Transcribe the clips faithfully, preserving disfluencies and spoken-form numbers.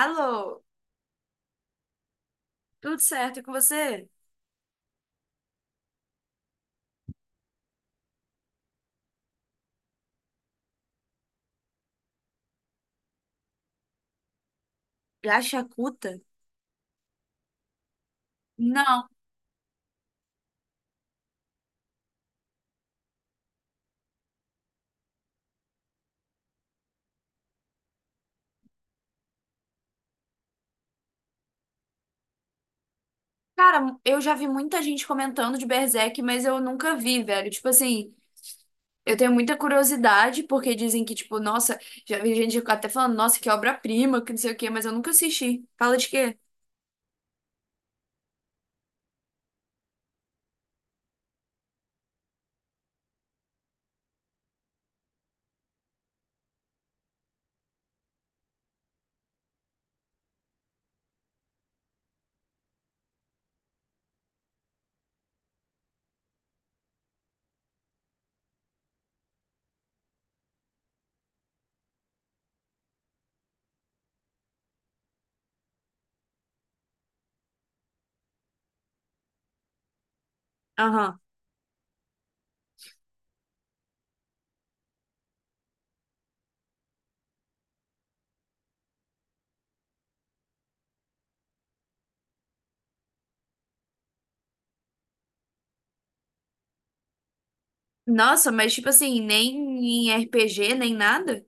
Alô, tudo certo e com você? Já Yakuta? Não. Cara, eu já vi muita gente comentando de Berserk, mas eu nunca vi, velho. Tipo assim, eu tenho muita curiosidade, porque dizem que, tipo, nossa, já vi gente até falando, nossa, que obra-prima, que não sei o quê, mas eu nunca assisti. Fala de quê? Aham. Nossa, mas tipo assim, nem em R P G, nem nada?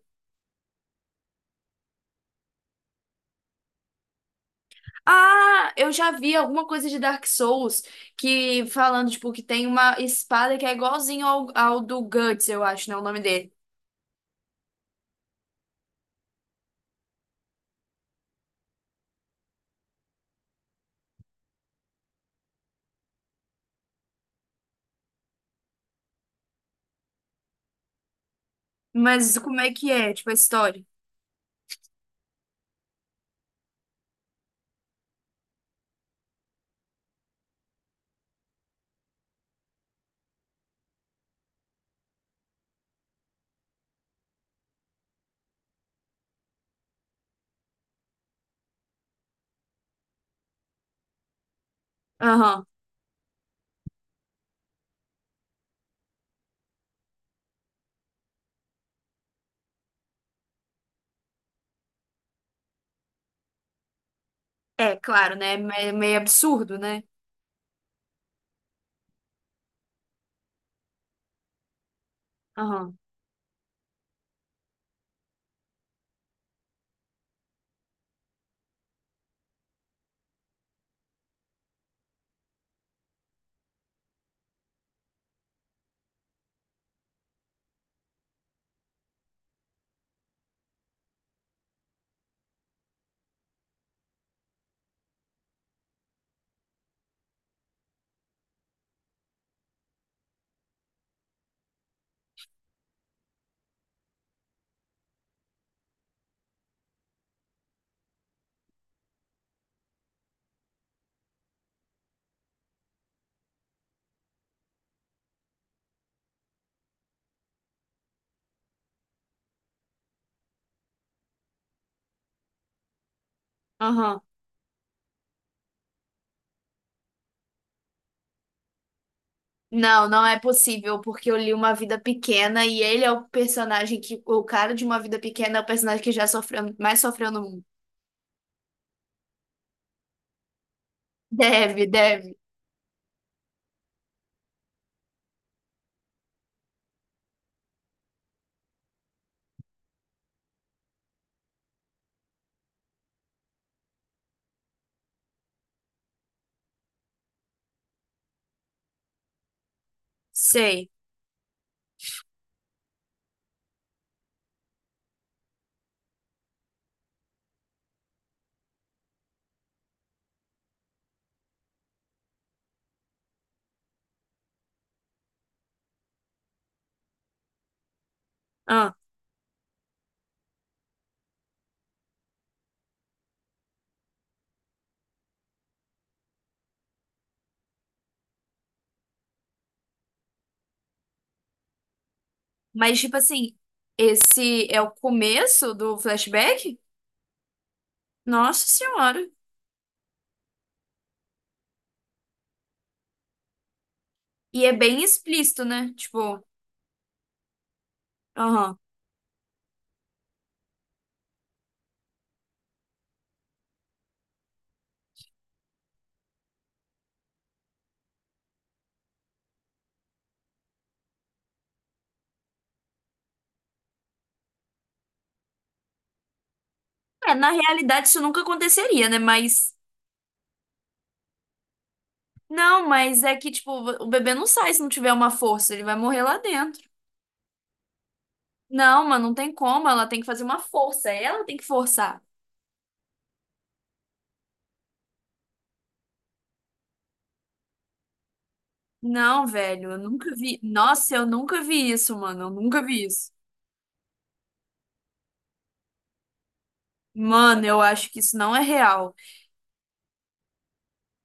Ah, eu já vi alguma coisa de Dark Souls que falando, tipo, que tem uma espada que é igualzinho ao, ao do Guts, eu acho, né? O nome dele. Mas como é que é, tipo, a história? Aham. É, claro, né? Me- Meio absurdo, né? Aham. Aham. Não, não é possível, porque eu li Uma Vida Pequena e ele é o personagem que. O cara de Uma Vida Pequena é o personagem que já sofreu, mais sofreu no mundo. Deve, deve. Sei. Ah. Mas, tipo assim, esse é o começo do flashback? Nossa Senhora. E é bem explícito, né? Tipo, aham. É, na realidade isso nunca aconteceria, né? Mas. Não, mas é que, tipo, o bebê não sai se não tiver uma força, ele vai morrer lá dentro. Não, mas não tem como, ela tem que fazer uma força, ela tem que forçar. Não, velho, eu nunca vi. Nossa, eu nunca vi isso, mano, eu nunca vi isso. Mano, eu acho que isso não é real.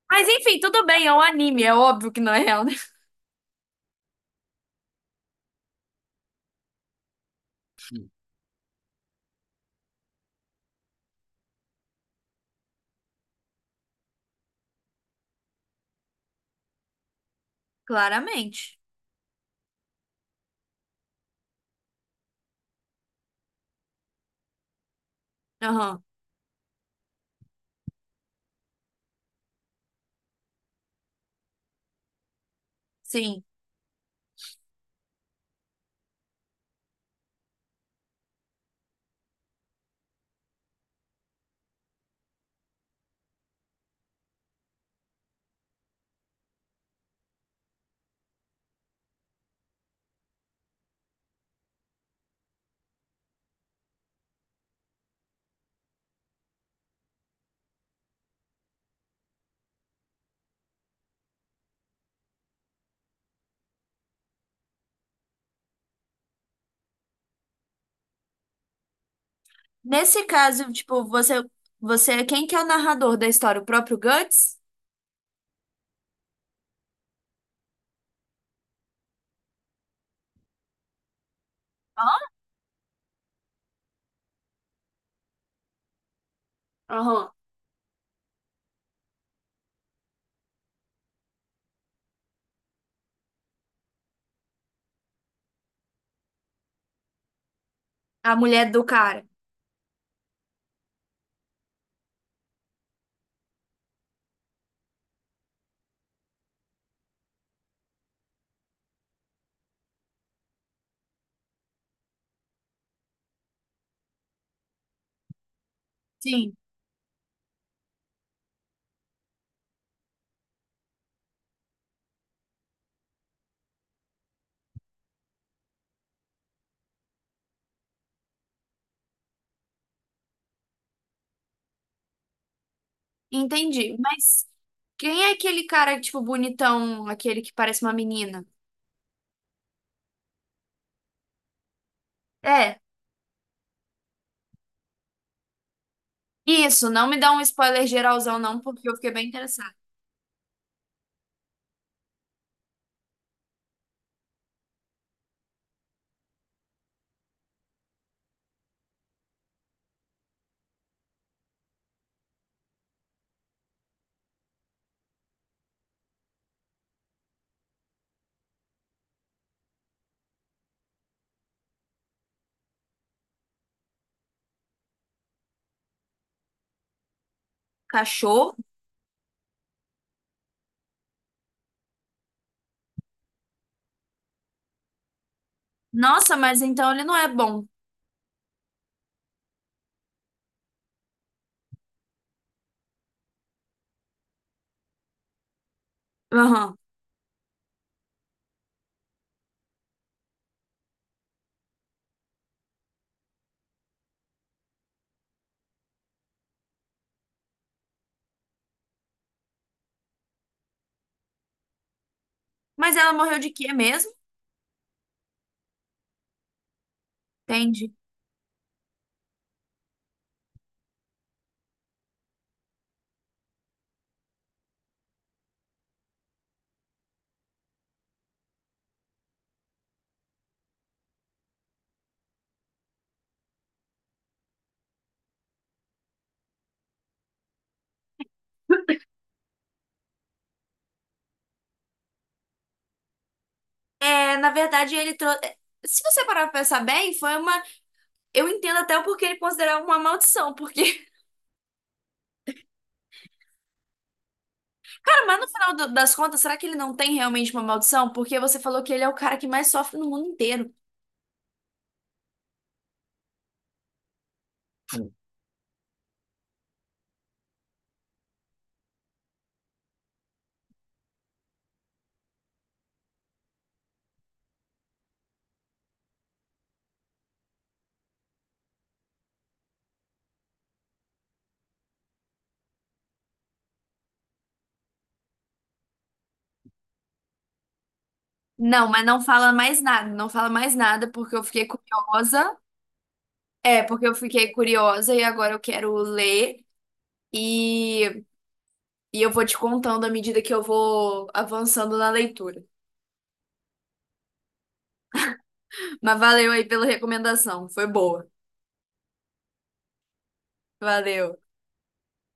Mas enfim, tudo bem, é um anime, é óbvio que não é real, né? Claramente. Aham, sim. Nesse caso, tipo, você, você, é quem que é o narrador da história? O próprio Guts? Aham. A mulher do cara. Sim. Entendi. Mas quem é aquele cara, tipo, bonitão, aquele que parece uma menina? É. Isso, não me dá um spoiler geralzão, não, porque eu fiquei bem interessada. Cachorro? Nossa, mas então ele não é bom. Aham. Mas ela morreu de quê mesmo? Entende? É, na verdade, ele trouxe. Se você parar pra pensar bem, foi uma. Eu entendo até o porquê ele considerava uma maldição. Porque, cara, mas no final do- das contas, será que ele não tem realmente uma maldição? Porque você falou que ele é o cara que mais sofre no mundo inteiro. Não, mas não fala mais nada, não fala mais nada porque eu fiquei curiosa. É, porque eu fiquei curiosa e agora eu quero ler e, e eu vou te contando à medida que eu vou avançando na leitura. Mas valeu aí pela recomendação, foi boa. Valeu.